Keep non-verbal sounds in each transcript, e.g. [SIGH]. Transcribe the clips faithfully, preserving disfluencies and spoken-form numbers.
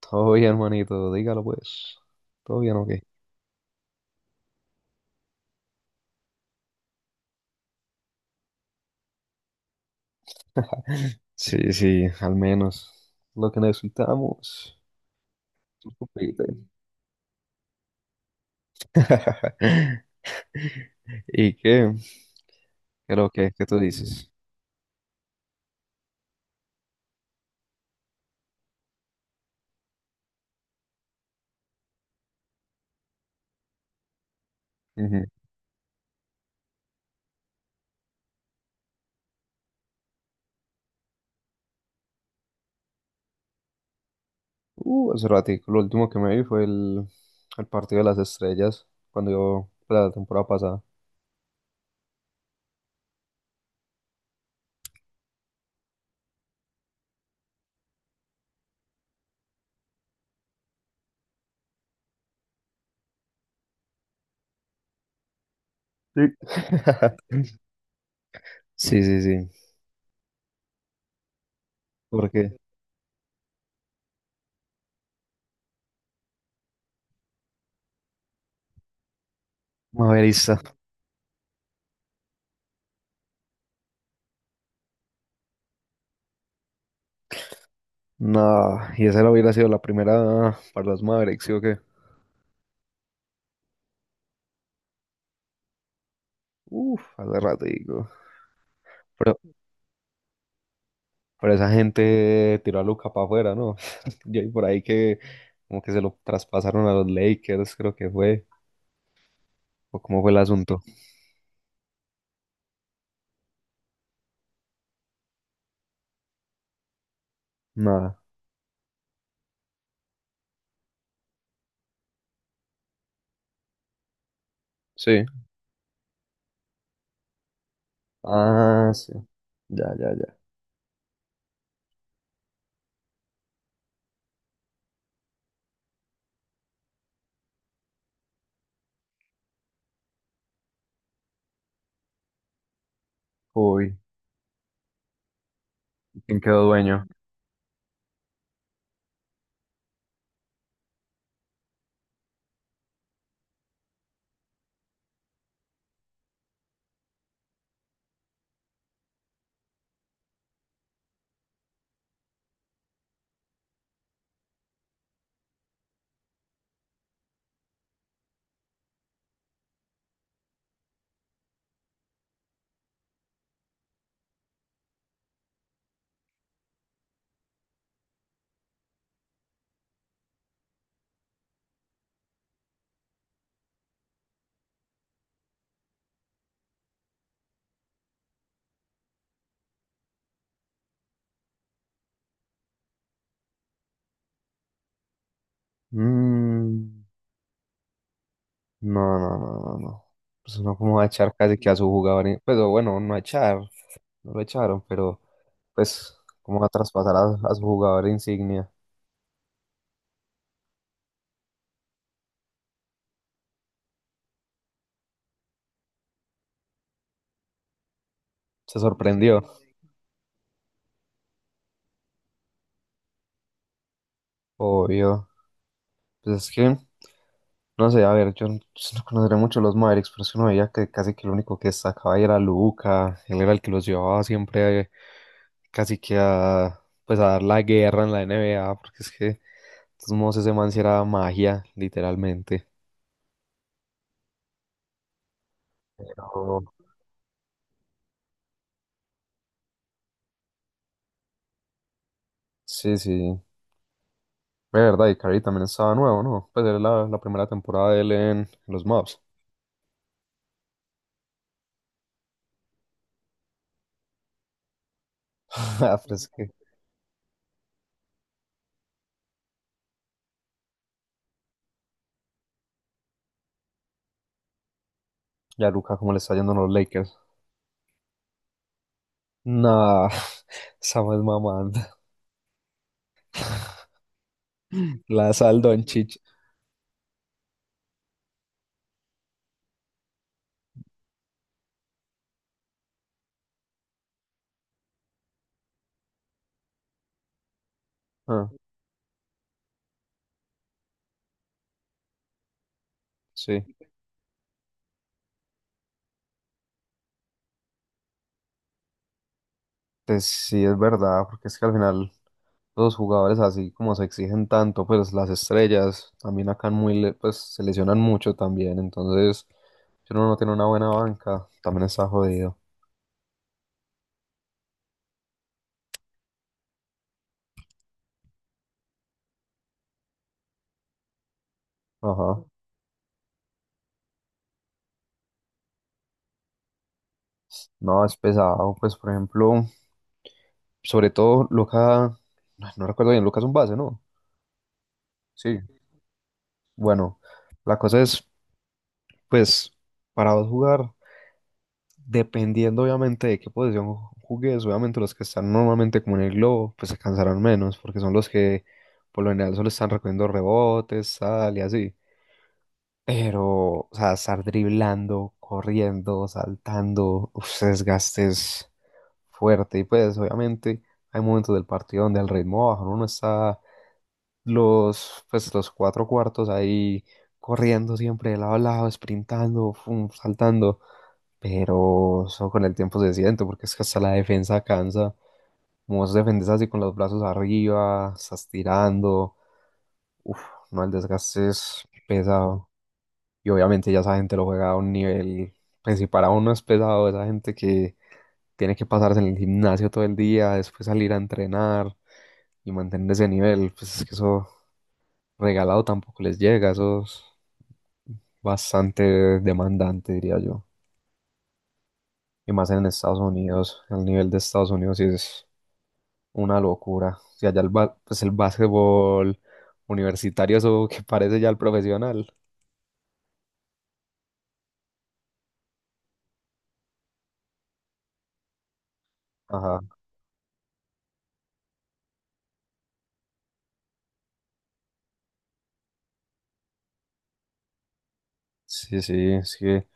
Todo bien, hermanito, dígalo pues. Todo bien, ok. Sí, sí, al menos lo que necesitamos. Tú supiste. [LAUGHS] ¿Y qué? Creo que, ¿qué tú dices? Ujú. Uh, hace ratico, lo último que me vi fue el, el partido de las estrellas, cuando yo, pues, la temporada pasada. Sí. [LAUGHS] Sí, sí, sí. Porque Maverista. No, y esa no hubiera sido la primera para los Mavericks, ¿sí o qué? Uf, hace ratico. Pero esa gente tiró a Luca para afuera, ¿no? [LAUGHS] Yo vi por ahí que como que se lo traspasaron a los Lakers, creo que fue. ¿O cómo fue el asunto? Nada. Sí. Ah, sí. Ya, ya, ya. Uy, ¿y ¿quién quedó dueño? Mm, no, no, no, no, no. Pues uno como va a echar casi que a su jugador. in- Pues o bueno, no a echar, no lo echaron, pero pues cómo va a traspasar a, a su jugador insignia. Se sorprendió, obvio. Pues es que... No sé, a ver, yo no yo no conoceré mucho los Mavericks, pero es que uno veía que casi que el único que destacaba ahí era Luca, él era el que los llevaba siempre eh, casi que a, pues a dar la guerra en la N B A, porque es que, de todos modos, ese man sí era magia, literalmente. Pero, sí, sí, de verdad, y Curry también estaba nuevo, ¿no? Pues era la, la primera temporada de él en los Mavs. [LAUGHS] Ah, pero es que, ya Luca, ¿cómo le está yendo a los Lakers? Nah, [LAUGHS] esa más mamando. [LAUGHS] La sal Doncic. Ah, sí. Pues sí, es verdad, porque es que al final los jugadores así como se exigen tanto, pues las estrellas también acá muy le- pues se lesionan mucho también, entonces si uno no tiene una buena banca, también está jodido. Ajá. No, es pesado, pues por ejemplo, sobre todo Luca, no recuerdo bien, Luca es un base, ¿no? Sí. Bueno, la cosa es, pues, para vos jugar. Dependiendo obviamente de qué posición ju- jugues, obviamente los que están normalmente como en el globo, pues se cansarán menos, porque son los que por lo general solo están recogiendo rebotes, tal y así. Pero, o sea, estar driblando, corriendo, saltando, uf, ese desgaste es fuerte. Y pues, obviamente, hay momentos del partido donde el ritmo baja, ¿no? Uno está los, pues, los cuatro cuartos ahí corriendo siempre de lado a lado, sprintando, fum, saltando. Pero eso con el tiempo se siente, porque es que hasta la defensa cansa. Como vos defendés así con los brazos arriba, estás tirando. Uff, no, el desgaste es pesado. Y obviamente ya esa gente lo juega a un nivel. Pues si para uno es pesado, esa gente que tiene que pasarse en el gimnasio todo el día, después salir a entrenar y mantener ese nivel, pues es que eso regalado tampoco les llega. Eso es bastante demandante, diría yo. Y más en Estados Unidos, el nivel de Estados Unidos sí es una locura. O sea, ya el, ba- pues el básquetbol universitario, eso que parece ya el profesional. Ajá. Sí, sí, es que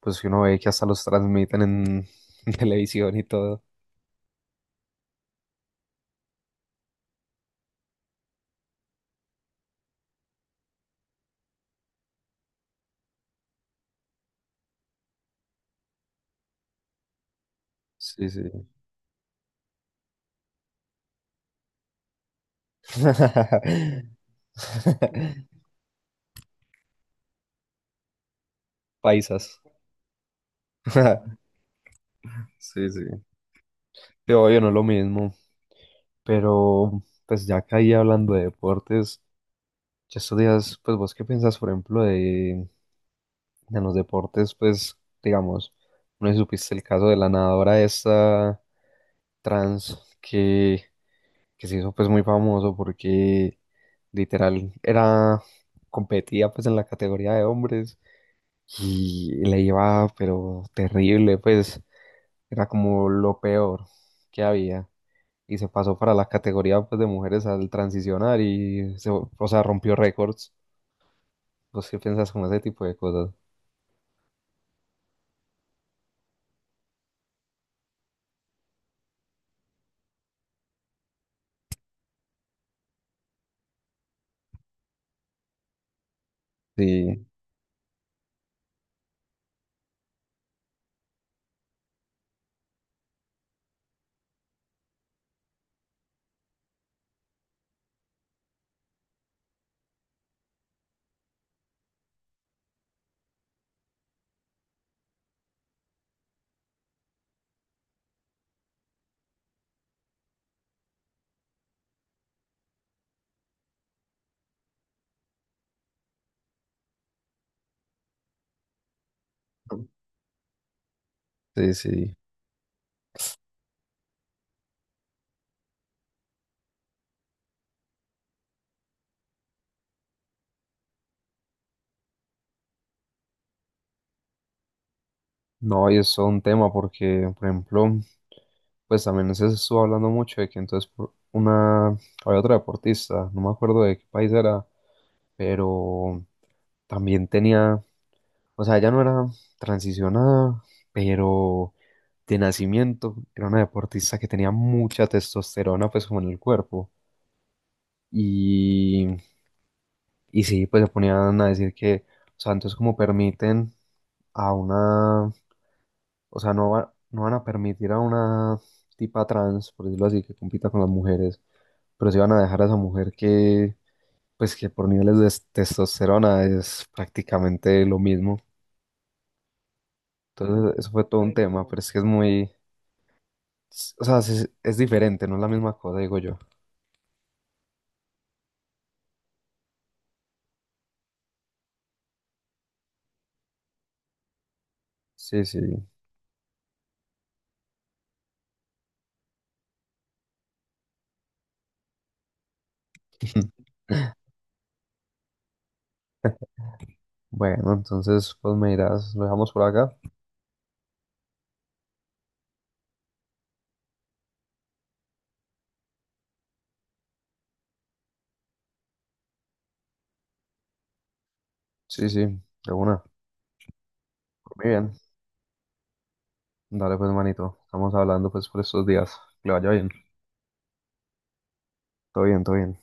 pues uno ve que hasta los transmiten en [LAUGHS] televisión y todo. Sí, sí. [LAUGHS] Paisas. [LAUGHS] Sí, sí. Pero obvio no es lo mismo. Pero pues ya caí hablando de deportes, ya estos días, pues vos qué piensas, por ejemplo, de en los deportes, pues, digamos, no sé si supiste el caso de la nadadora esta trans que, que se hizo pues muy famoso porque literal era, competía pues en la categoría de hombres y le iba pero terrible, pues era como lo peor que había y se pasó para la categoría pues de mujeres al transicionar y se, o sea, rompió récords. ¿Vos qué piensas con ese tipo de cosas? Sí, sí, sí. No, y es todo un tema porque, por ejemplo, pues también se estuvo hablando mucho de que entonces por una, había otra deportista, no me acuerdo de qué país era, pero también tenía, o sea, ella no era transicionada, pero de nacimiento era una deportista que tenía mucha testosterona pues como en el cuerpo. Y, y sí, pues se ponían a decir que, o sea, entonces como permiten a una, o sea, no va- no van a permitir a una tipa trans, por decirlo así, que compita con las mujeres, pero sí van a dejar a esa mujer que, pues que por niveles de s- testosterona es prácticamente lo mismo. Entonces, eso fue todo un tema, no. Pero es que es muy, s- o sea, es, es diferente, no es la misma cosa, digo yo. Sí, sí. [LAUGHS] Bueno, entonces, pues me dirás, ¿lo dejamos por acá? Sí, sí, de una. Muy bien. Dale, pues, manito. Estamos hablando, pues, por estos días. Que le vaya bien. Todo bien, todo bien.